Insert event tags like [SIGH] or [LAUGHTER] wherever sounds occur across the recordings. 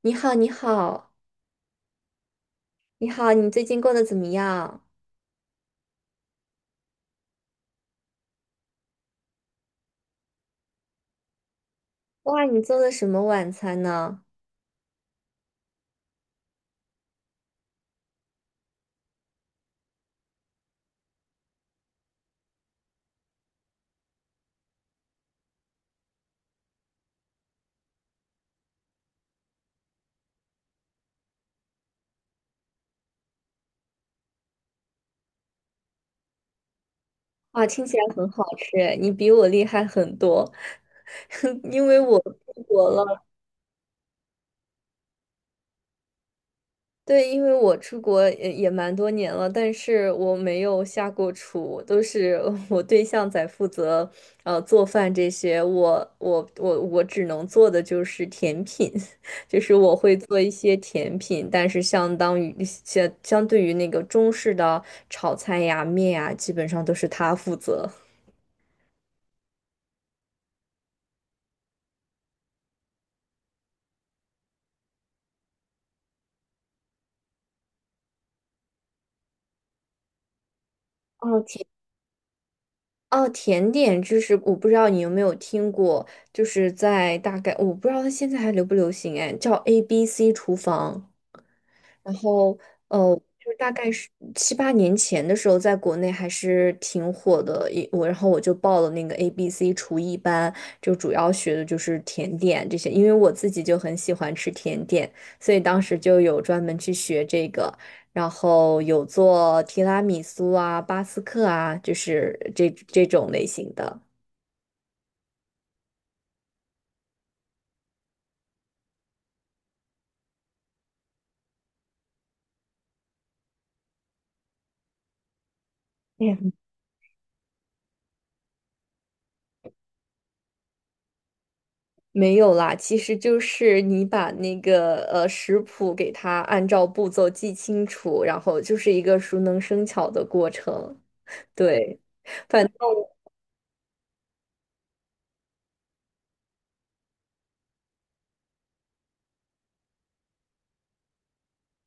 你好，你好，你好，你最近过得怎么样？哇，你做的什么晚餐呢？哇，听起来很好吃，你比我厉害很多，[LAUGHS] 因为我出国了。对，因为我出国也蛮多年了，但是我没有下过厨，都是 [LAUGHS] 我对象在负责，做饭这些。我只能做的就是甜品，[LAUGHS] 就是我会做一些甜品，但是相对于那个中式的炒菜呀、面呀，基本上都是他负责。哦，甜，哦，甜点就是我不知道你有没有听过，就是在大概我不知道它现在还流不流行哎，叫 ABC 厨房。然后就是大概是七八年前的时候，在国内还是挺火的。我然后我就报了那个 ABC 厨艺班，就主要学的就是甜点这些，因为我自己就很喜欢吃甜点，所以当时就有专门去学这个。然后有做提拉米苏啊、巴斯克啊，就是这种类型的。没有啦，其实就是你把那个食谱给它按照步骤记清楚，然后就是一个熟能生巧的过程。对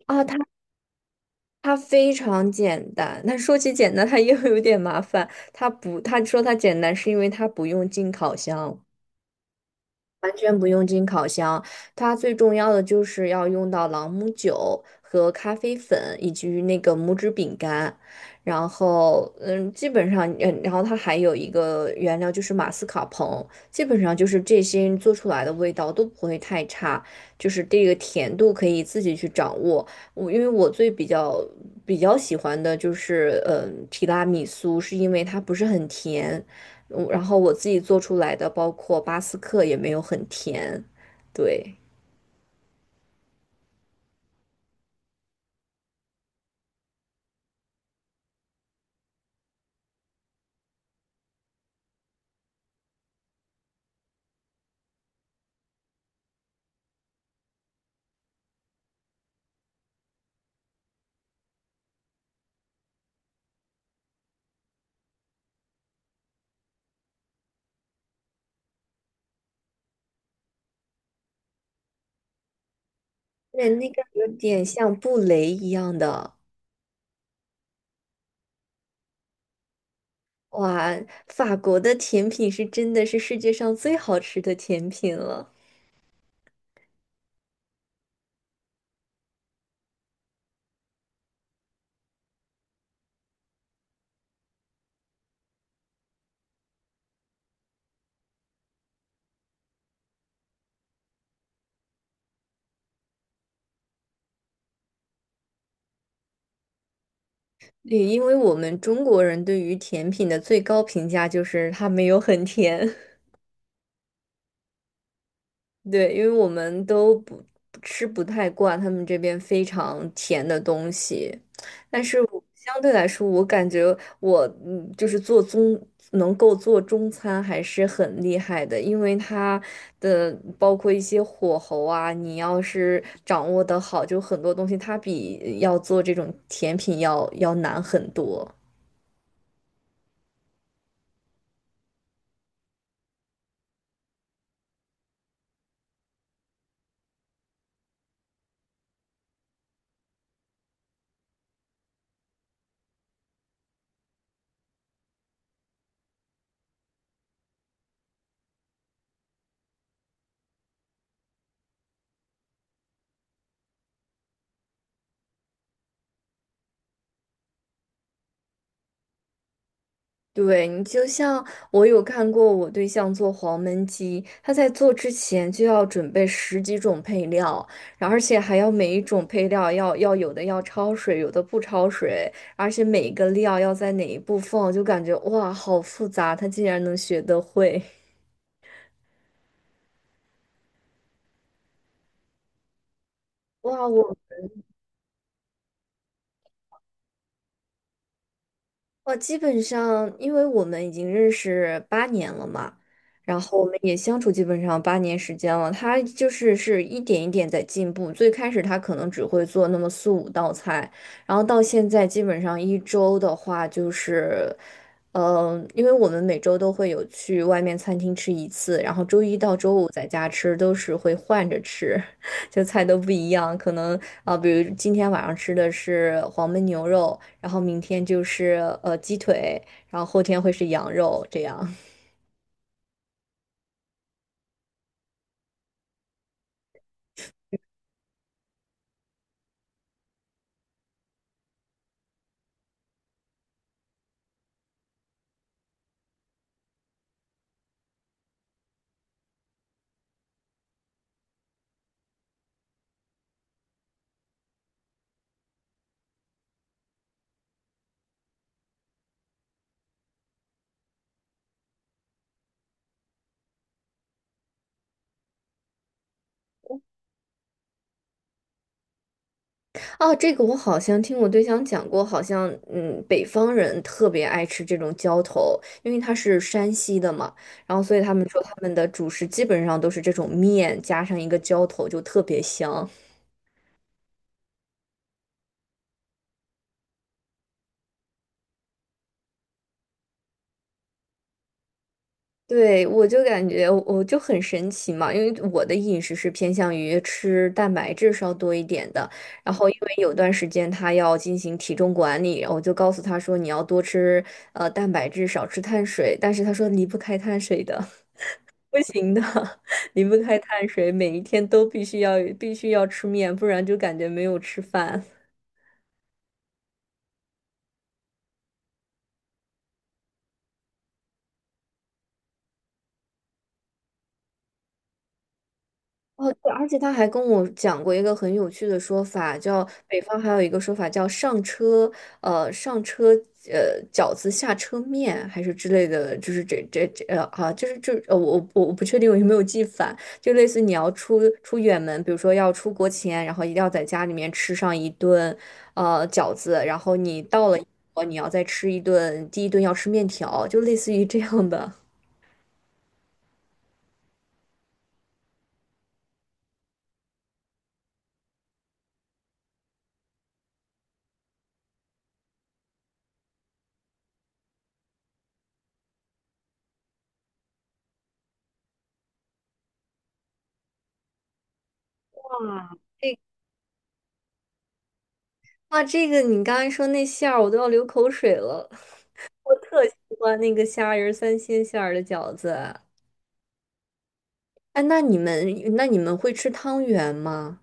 啊，它非常简单。但说起简单，它又有点麻烦。它不，它说它简单是因为它不用进烤箱。不用进烤箱，它最重要的就是要用到朗姆酒和咖啡粉以及那个拇指饼干，然后基本上然后它还有一个原料就是马斯卡彭，基本上就是这些做出来的味道都不会太差，就是这个甜度可以自己去掌握。因为我最比较比较喜欢的就是，提拉米苏，是因为它不是很甜，然后我自己做出来的，包括巴斯克也没有很甜，对，对，那个有点像布雷一样的，哇，法国的甜品是真的是世界上最好吃的甜品了。对，因为我们中国人对于甜品的最高评价就是它没有很甜。对，因为我们都不吃不太惯他们这边非常甜的东西，但是我相对来说，我感觉我就是能够做中餐还是很厉害的，因为它的包括一些火候啊，你要是掌握得好，就很多东西它比要做这种甜品要难很多。对你就像我有看过我对象做黄焖鸡，他在做之前就要准备十几种配料，然后而且还要每一种配料要有的要焯水，有的不焯水，而且每一个料要在哪一步放，就感觉哇好复杂，他竟然能学得会，哇！我基本上，因为我们已经认识八年了嘛，然后我们也相处基本上8年时间了。他就是一点一点在进步。最开始他可能只会做那么四五道菜，然后到现在基本上一周的话就是，因为我们每周都会有去外面餐厅吃一次，然后周一到周五在家吃，都是会换着吃。就菜都不一样，可能啊、比如今天晚上吃的是黄焖牛肉，然后明天就是鸡腿，然后后天会是羊肉这样。哦，这个我好像听我对象讲过，好像北方人特别爱吃这种浇头，因为他是山西的嘛，然后所以他们说他们的主食基本上都是这种面加上一个浇头，就特别香。对，我就感觉我就很神奇嘛，因为我的饮食是偏向于吃蛋白质稍多一点的，然后因为有段时间他要进行体重管理，然后我就告诉他说你要多吃蛋白质，少吃碳水，但是他说离不开碳水的，[LAUGHS] 不行的，[LAUGHS] 离不开碳水，每一天都必须要吃面，不然就感觉没有吃饭。哦，对，而且他还跟我讲过一个很有趣的说法，叫北方还有一个说法叫上车，饺子下车面还是之类的，就是这这这呃啊，就是这呃，我不确定我有没有记反，就类似你要出远门，比如说要出国前，然后一定要在家里面吃上一顿饺子，然后你到了英国你要再吃一顿，第一顿要吃面条，就类似于这样的。[LAUGHS] 哇，这个你刚才说那馅儿，我都要流口水了。我特喜欢那个虾仁儿三鲜馅儿的饺子。哎，那你们会吃汤圆吗？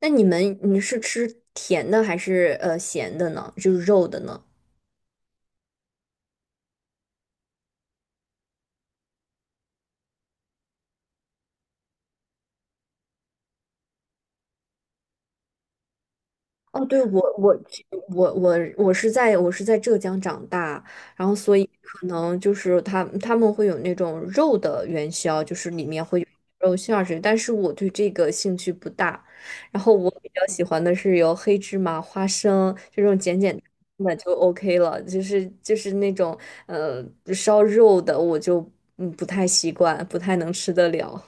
那你们你是吃甜的还是咸的呢？就是肉的呢？哦，对，我我其我我我是在我是在浙江长大，然后所以可能就是他们会有那种肉的元宵，就是里面会有肉馅儿之类，但是我对这个兴趣不大。然后我比较喜欢的是有黑芝麻、花生这种简简单单的就 OK 了，就是那种呃烧肉的我就不太习惯，不太能吃得了。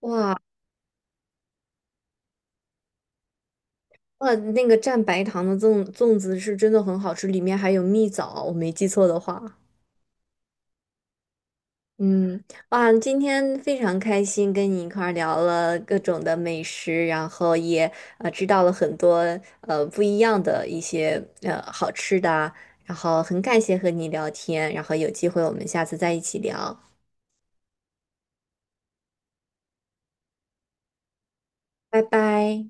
哇，哇，那个蘸白糖的粽子是真的很好吃，里面还有蜜枣，我没记错的话。嗯，哇，今天非常开心跟你一块儿聊了各种的美食，然后也知道了很多不一样的一些好吃的啊。然后很感谢和你聊天，然后有机会我们下次再一起聊，拜拜。